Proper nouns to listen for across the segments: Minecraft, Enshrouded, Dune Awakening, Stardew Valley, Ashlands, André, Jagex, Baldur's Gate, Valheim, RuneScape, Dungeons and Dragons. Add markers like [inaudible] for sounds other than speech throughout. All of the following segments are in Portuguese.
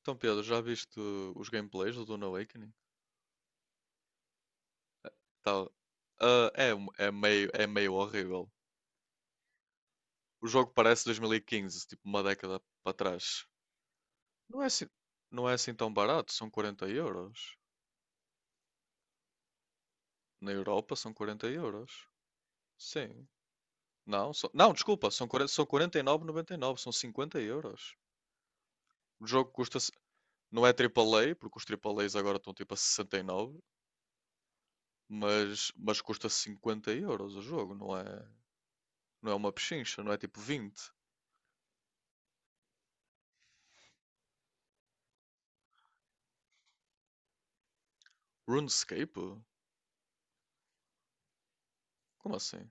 Então, Pedro, já viste os gameplays do Dune Awakening? Tá, é meio horrível. O jogo parece 2015, tipo uma década para trás. Não é assim, não é assim tão barato, são 40 euros. Na Europa são 40 euros. Sim. Não, não, desculpa, são 40, são 49,99, são 50 euros. O jogo custa, não é triplo A, porque os triplo A's agora estão tipo a 69, mas custa 50 € o jogo, não é, não é uma pechincha, não é tipo 20. RuneScape? Como assim?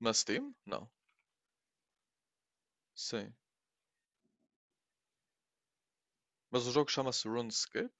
Na Steam? Não. Sim. Mas o jogo chama-se RuneScape?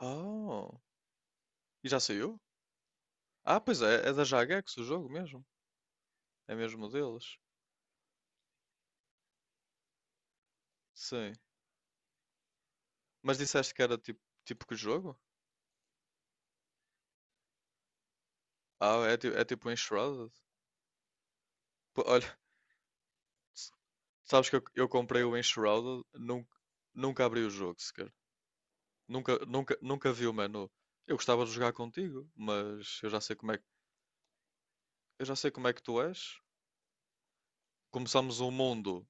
Oh. E já saiu? Ah, pois é, é da Jagex o jogo mesmo. É mesmo deles. Sim. Mas disseste que era tipo que jogo? É tipo o Enshrouded? Pô, olha, s- sabes que eu comprei o Enshrouded, nunca abri o jogo sequer. Nunca, nunca, nunca vi o menu. Eu gostava de jogar contigo, mas eu já sei como é que, eu já sei como é que tu és. Começamos um mundo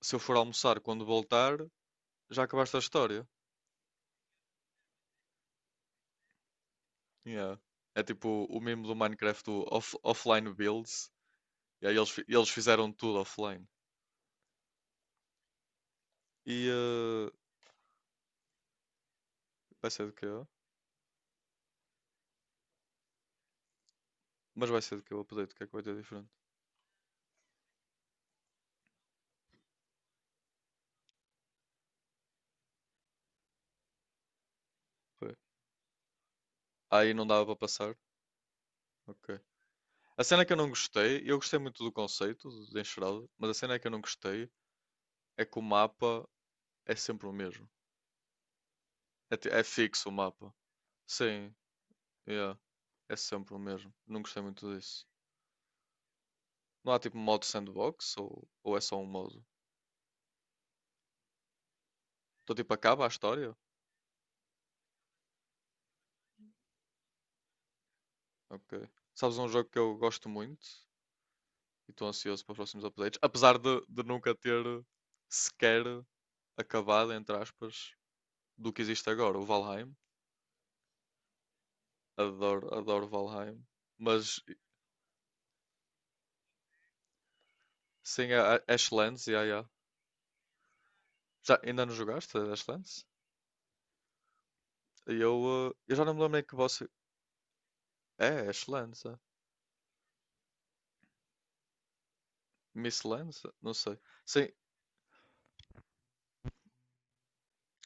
se eu for almoçar quando voltar, já acabaste a história. Yeah. É tipo o meme do Minecraft do offline builds. E aí eles fizeram tudo offline. E vai ser do que é? Mas vai ser do que eu update, o que é que vai ter diferente? Foi. Aí não dava para passar. Ok. A cena que eu não gostei, eu gostei muito do conceito de enxerado, mas a cena que eu não gostei é que o mapa é sempre o mesmo. É, é fixo o mapa. Sim, yeah, é sempre o mesmo. Não gostei muito disso. Não há tipo um modo sandbox ou é só um modo? Então tipo acaba a história? Ok. Sabes um jogo que eu gosto muito e estou ansioso para os próximos updates, apesar de nunca ter sequer acabado, entre aspas, do que existe agora, o Valheim. Adoro, adoro Valheim. Mas sem a Ashlands, yeah, yeah. Já, ainda não jogaste a Ashlands? E eu já não me lembro em que você. É Ashlands, é. Miss Lands? Não sei. Sim,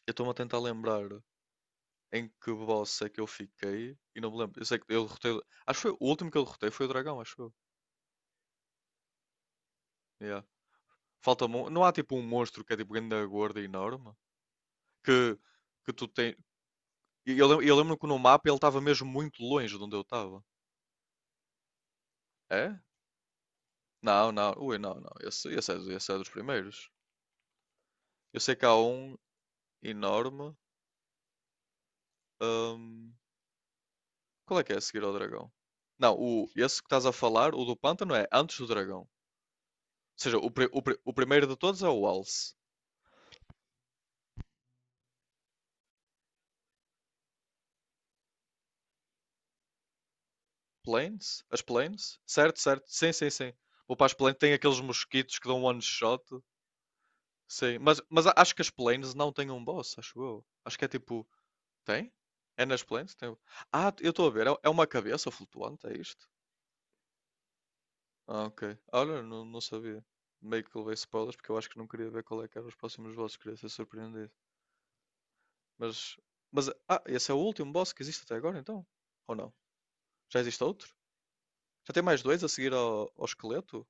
eu estou-me a tentar lembrar em que boss é que eu fiquei e não me lembro. Eu sei que eu derrotei. Acho que foi o último que eu derrotei foi o dragão, acho eu. Yeah. Não há tipo um monstro que é tipo grande gorda e enorme que, que tu tem. E eu lembro que no mapa ele estava mesmo muito longe de onde eu estava. É? Não, não, ui, não, não. Esse é dos primeiros. Eu sei que há um enorme. hum, Qual é que é a seguir ao dragão? Não, esse que estás a falar, o do pântano, é antes do dragão. Ou seja, o primeiro de todos é o Alce. Planes? As planes? Certo, certo. Sim, sim, sim. Vou para as planes. Tem aqueles mosquitos que dão um one shot. Sim, mas acho que as planes não têm um boss, acho eu. Acho que é tipo. Tem? É nas planes? Tem... Ah, eu estou a ver. É uma cabeça flutuante, é isto? Ah, ok. Olha, não, não sabia. Meio que levei spoilers porque eu acho que não queria ver qual é que eram os próximos bosses. Queria ser surpreendido. Mas. Mas. Ah, esse é o último boss que existe até agora, então? Ou não? Já existe outro? Já tem mais dois a seguir ao esqueleto?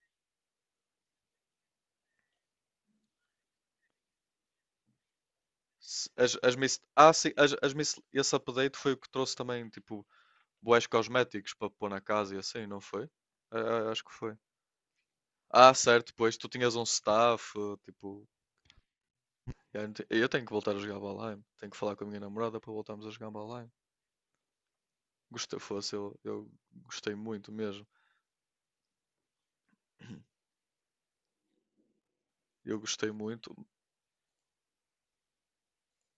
As miss... Ah, sim, as miss... esse update foi o que trouxe também, tipo, bués cosméticos para pôr na casa e assim, não foi? Ah, acho que foi. Ah, certo, pois, tu tinhas um staff, tipo... Eu não te- eu tenho que voltar a jogar Valheim. Tenho que falar com a minha namorada para voltarmos a jogar Valheim. Gostei, fosse, eu gostei muito mesmo. [clears throat] Eu gostei muito.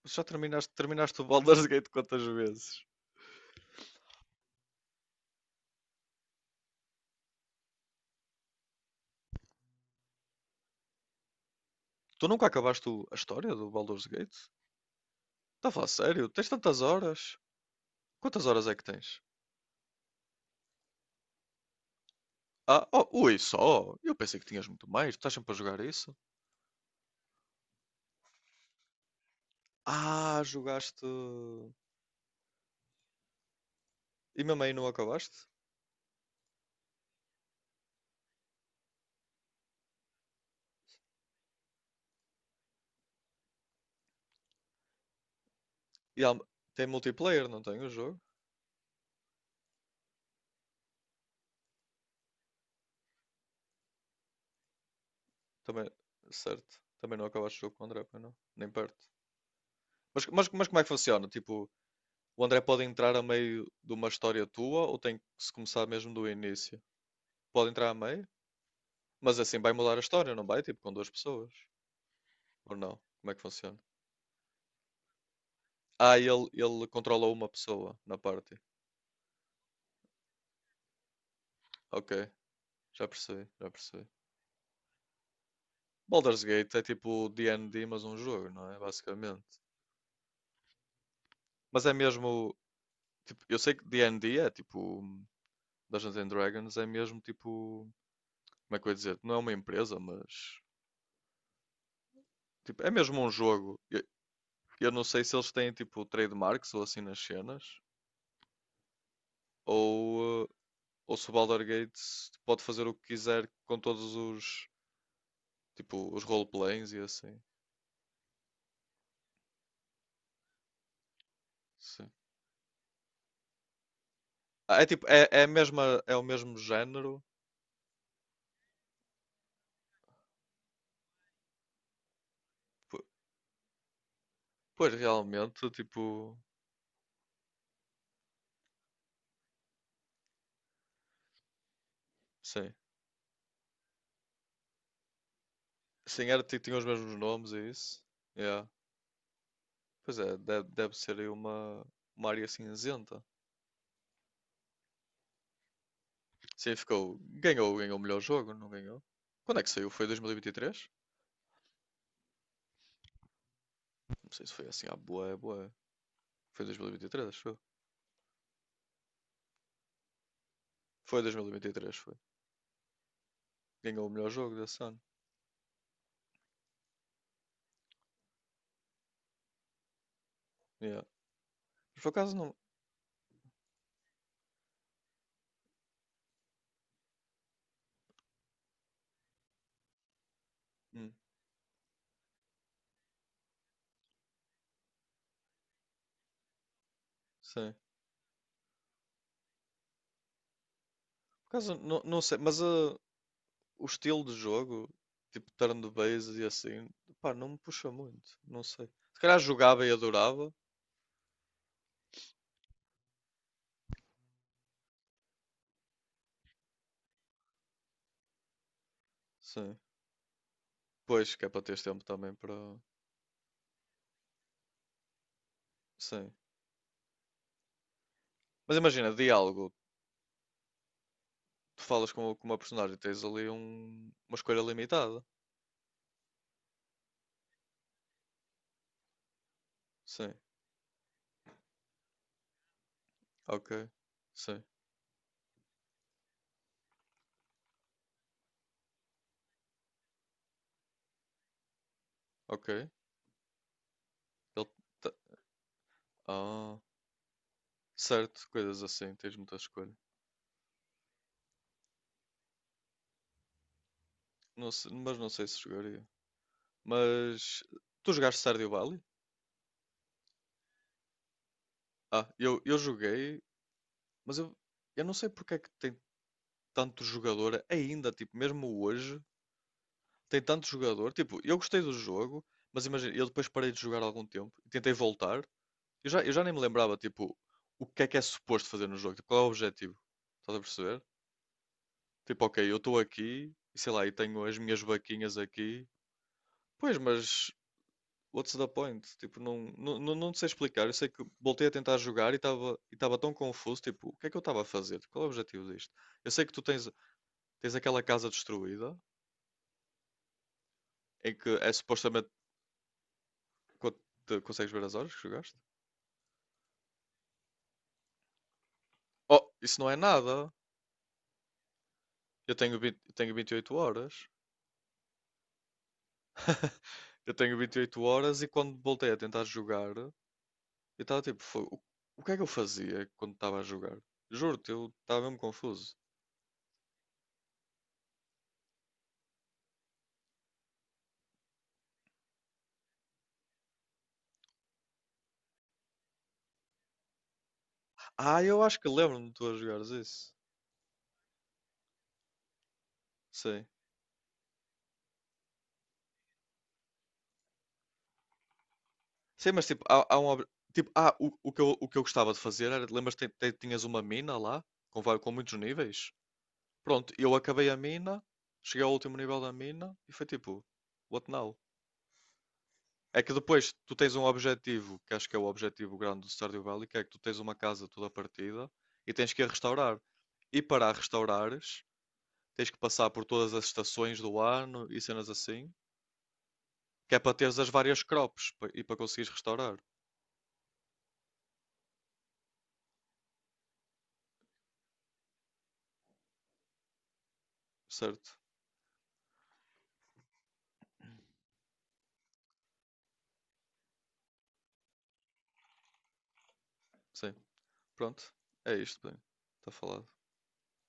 Já terminaste o Baldur's Gate quantas vezes? Tu nunca acabaste a história do Baldur's Gate? Está a falar sério? Tens tantas horas? Quantas horas é que tens? Ah, oh, ui, só? Eu pensei que tinhas muito mais. Tu estás sempre a jogar isso? Ah, jogaste. E mesmo aí não acabaste? E tem multiplayer, não tem o jogo? Também, certo. Também não acabaste o jogo com o André, pois não? Nem perto. Mas como é que funciona? Tipo, o André pode entrar a meio de uma história tua ou tem que se começar mesmo do início? Pode entrar a meio? Mas assim vai mudar a história, não vai? Tipo, com duas pessoas? Ou não? Como é que funciona? Ah, ele controla uma pessoa na party. Ok. Já percebi, já percebi. Baldur's Gate é tipo D&D, mas um jogo, não é? Basicamente. Mas é mesmo, tipo, eu sei que D&D é tipo Dungeons and Dragons, é mesmo tipo, como é que eu ia dizer? Não é uma empresa, mas tipo, é mesmo um jogo. Eu não sei se eles têm tipo trademarks ou assim nas cenas, ou, eh, ou se o Baldur's Gate pode fazer o que quiser com todos os, tipo, os roleplays e assim. Sim. Ah, é tipo, é a mesma, é o mesmo género. Po- Pois realmente, tipo, sim. Sim, era tinha os mesmos nomes é isso. Yeah. Pois é, deve ser aí uma área cinzenta. Sim, ficou. Ganhou o melhor jogo, não ganhou? Quando é que saiu? Foi 2023? Não sei se foi assim, boa. Boé. Foi 2023, foi. Foi 2023, foi. Ganhou o melhor jogo desse ano. Yeah. Mas por acaso não. Hum, sim. Por acaso não, não sei, mas o estilo de jogo, tipo turn-based e assim, pá, não me puxa muito. Não sei. Se calhar jogava e adorava. Sim. Pois, que é para teres tempo também para. Sim. Mas imagina, diálogo. Tu falas com uma personagem, tens ali uma escolha limitada. Sim, ok. Sim, ok. Ele ta- Ah, certo, coisas assim, tens muita escolha. Mas não sei se jogaria. Mas tu jogaste Stardew Valley? Ah, eu joguei, mas eu não sei porque é que tem tanto jogador ainda, tipo, mesmo hoje, tem tanto jogador. Tipo, eu gostei do jogo, mas imagina, eu depois parei de jogar algum tempo e tentei voltar. Eu já nem me lembrava, tipo, o que é suposto fazer no jogo, tipo, qual é o objetivo? Estás a perceber? Tipo, ok, eu estou aqui, e sei lá, e tenho as minhas vaquinhas aqui. Pois, mas what's the point? Tipo, não, não, não, não sei explicar. Eu sei que voltei a tentar jogar e estava tão confuso, tipo, o que é que eu estava a fazer? Tipo, qual é o objetivo disto? Eu sei que tu tens aquela casa destruída, em que é supostamente quando consegues ver as horas que jogaste. Oh, isso não é nada. Eu tenho 20. Eu tenho 28 horas. [laughs] Eu tenho 28 horas e quando voltei a tentar jogar, eu estava tipo, o que é que eu fazia quando estava a jogar? Juro-te, eu estava mesmo confuso. Ah, eu acho que lembro-me de tu a jogares isso. Sim. Sim, mas tipo, há um. Ob- Tipo, ah, o que eu gostava de fazer era. Lembras que tinhas uma mina lá? Com muitos níveis? Pronto, eu acabei a mina, cheguei ao último nível da mina e foi tipo, what now? É que depois tu tens um objetivo, que acho que é o objetivo grande do Stardew Valley, que é que tu tens uma casa toda partida e tens que a restaurar. E para a restaurares, tens que passar por todas as estações do ano e cenas assim, que é para teres as várias crops e para conseguires restaurar, certo? Sim, pronto. É isto, bem. Está falado.